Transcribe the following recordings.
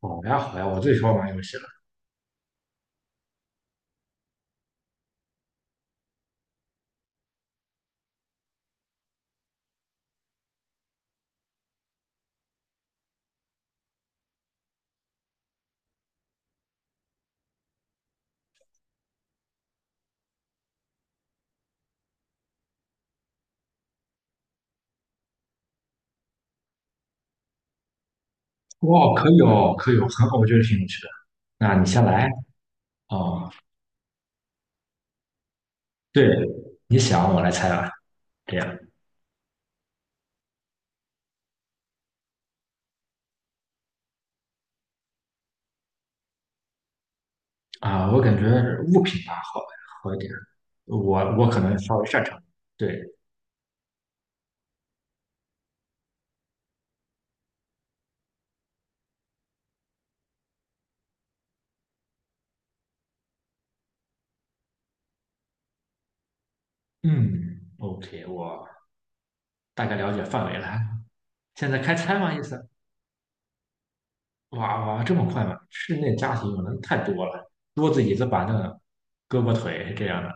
好呀，好呀，我最喜欢玩游戏了。哇，可以哦，可以哦，很好，我觉得挺有趣的。那你先来哦，对，你想我来猜吧，这样。我感觉物品吧好好一点，我可能稍微擅长。对，嗯，OK，我大概了解范围了。现在开猜吗？意思？哇哇，这么快吗？室内家庭用的太多了，桌子、椅子、板凳、胳膊、腿这样的。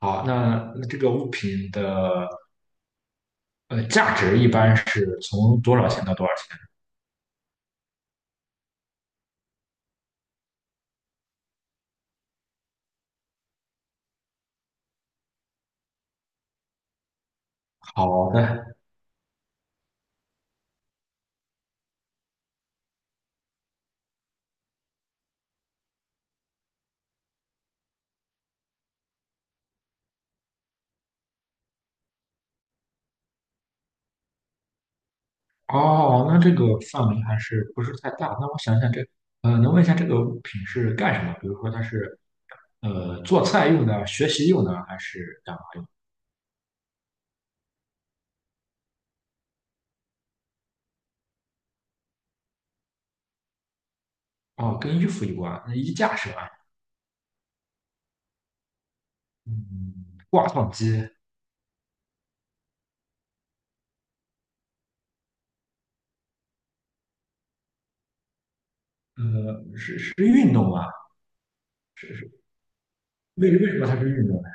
好，那这个物品的价值一般是从多少钱到多少钱？好的。哦，那这个范围还是不是太大？那我想想这，能问一下这个物品是干什么？比如说它是做菜用的、学习用的，还是干嘛用？哦，跟衣服有关，那衣架是吧？嗯，挂烫机。呃，是是运动啊，是是。为为什么它是运动呢？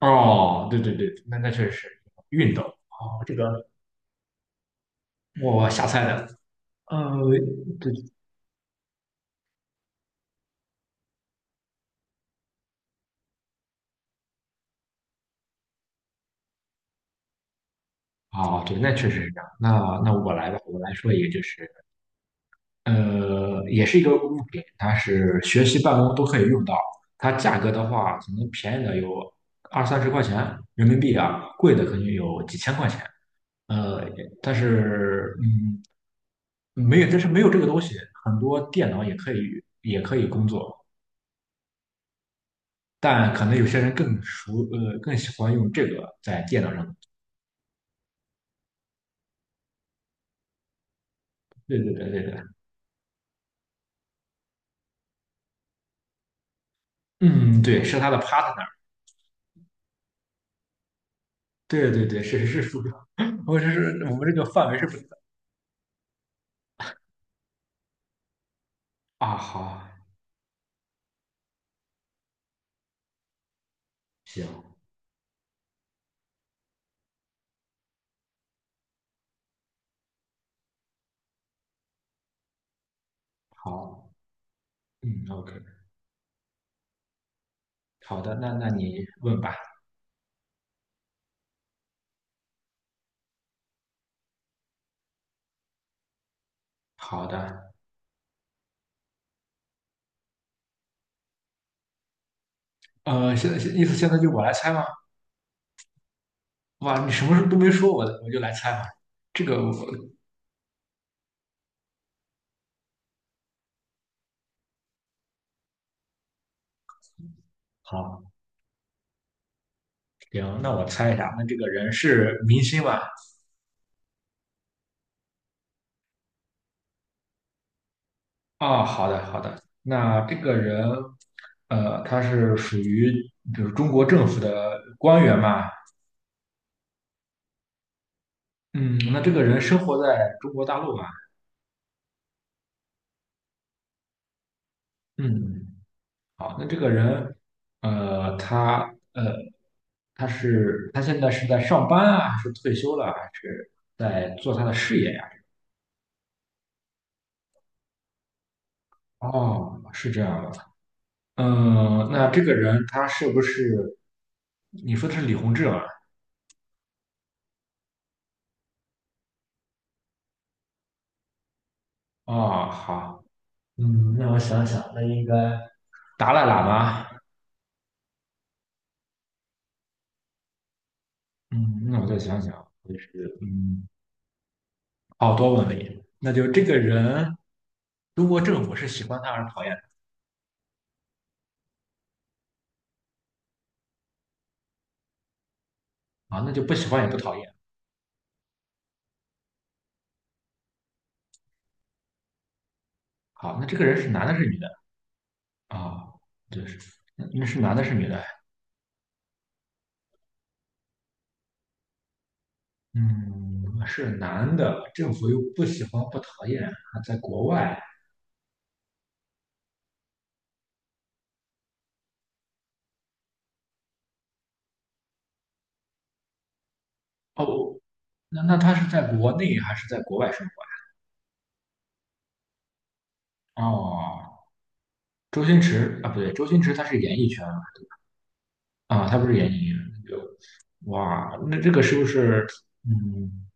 哦，对对对，那那确实是运动。哦，这个我瞎猜的。呃，对哦，对，那确实是这样。那那我来吧，我来说一个，就是也是一个物品，它是学习办公都可以用到。它价格的话，可能便宜的有二三十块钱人民币啊，贵的可能有几千块钱。呃，但是嗯，没有，但是没有这个东西，很多电脑也可以工作，但可能有些人更熟，更喜欢用这个在电脑上。对对对对对。嗯，对，是它的 partner。对对对，是是是，我只是我们这个范围是不。啊，好。行，好。嗯，OK。好的，那那你问吧。好的。现在意思现在就我来猜吗？哇，你什么都没说，我就来猜嘛。这个我好，行，那我猜一下，那这个人是明星吗？哦，好的，好的。那这个人，他是属于比如中国政府的官员嘛？嗯，那这个人生活在中国大陆嘛？嗯，好，那这个人，呃，他呃，他是他现在是在上班啊，还是退休了啊，还是在做他的事业呀？哦，是这样的。嗯，那这个人他是不是你说的是李洪志吗？哦，好。嗯，那我想想，那应该达赖喇嘛。嗯，那我再想想，就是嗯，奥多问里，那就这个人，中国政府是喜欢他还是讨厌他？啊，那就不喜欢也不讨厌。好，那这个人是男的，是女的？啊，对，那那是男的，是女的？嗯，是男的，政府又不喜欢，不讨厌，还在国外。哦，那那他是在国内还是在国外生活？哦，周星驰啊，不对，周星驰他是演艺圈。啊，他不是演艺那个。哇，那这个是不是？嗯，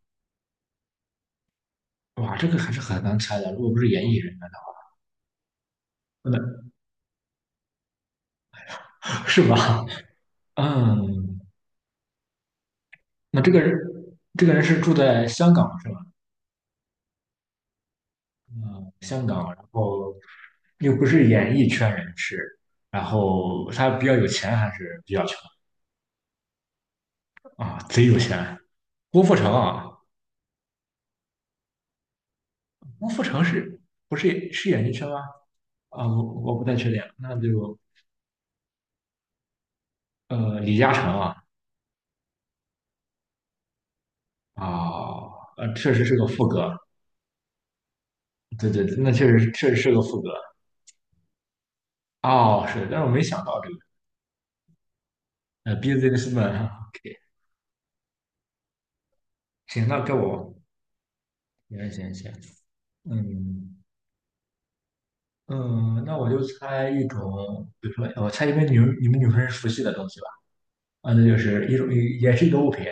哇，这个还是很难猜的。如果不是演艺人员的话，那 是吧？嗯，那这个人，这个人是住在香港是吧？香港，然后又不是演艺圈人士，然后他比较有钱还是比较穷啊？贼有钱，郭富城啊，郭富城是不是是演艺圈吗？啊，我不太确定，那就李嘉诚啊。啊，呃确实是个富哥，对对对，那确实确实是个富哥。哦，是，但是我没想到这个businessman，OK。行，那该我行行行，嗯。嗯，那我就猜一种，比如说，我猜因为你们女生是熟悉的东西吧？啊，那就是一种，也是一个物品，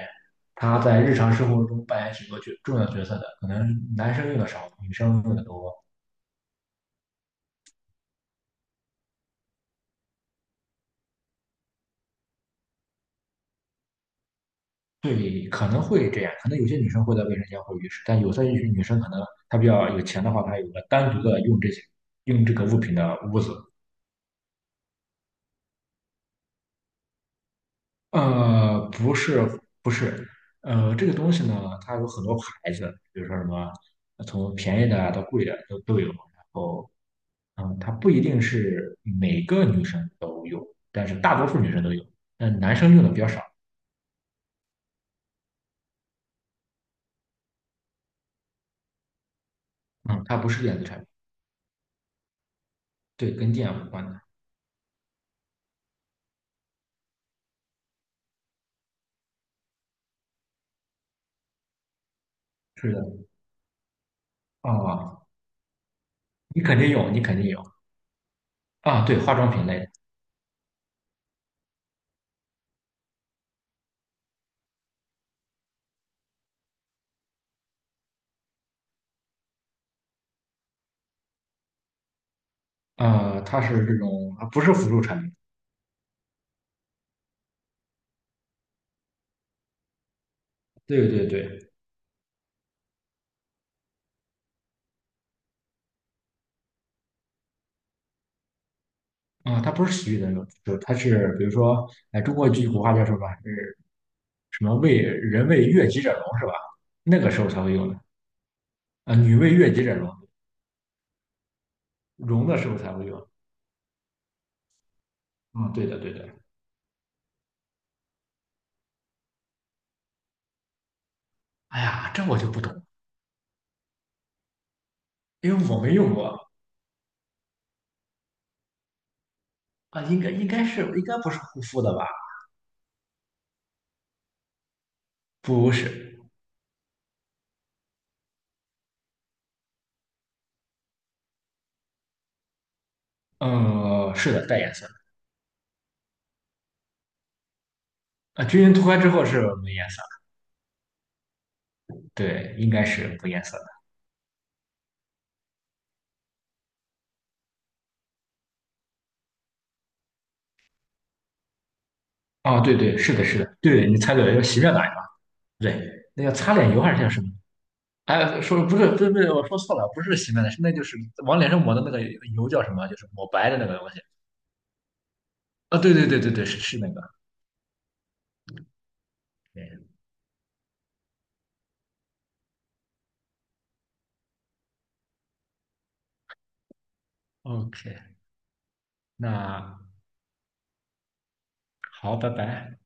它在日常生活中扮演许多角重要角色的，可能男生用的少，女生用的多。对，可能会这样，可能有些女生会在卫生间或浴室，但有些女生可能她比较有钱的话，她有个单独的用这些用这个物品的屋子。呃，不是，不是。这个东西呢，它有很多牌子，比如说什么，从便宜的啊到贵的都有。然后，嗯，它不一定是每个女生都有，但是大多数女生都有，但男生用的比较少。嗯，它不是电子产品。对，跟电无关的。是的。啊，你肯定有，你肯定有。啊，对，化妆品类的。啊，它是这种，啊不是辅助产品。对对对。啊，它不是洗浴的那种，就是它是比如说，哎，中国有句古话叫什么？是。什么为人为悦己者容是吧？那个时候才会用的。啊，女为悦己者容，容的时候才会用。嗯，对的对的。哎呀，这我就不懂，因为我没用过。啊，应该应该是应该不是护肤的吧？不是。嗯，是的，带颜色的。啊，均匀涂开之后是没颜色的，对，应该是无颜色的。啊。对对，是的，是的，对，你猜对了，要洗面奶嘛？对，那叫擦脸油还是叫什么？哎，说不是，不是，不是，我说错了，不是洗面奶，是那就是往脸上抹的那个油叫什么？就是抹白的那个东西。啊，对对对对对，是是那个。对，OK，那好，拜拜。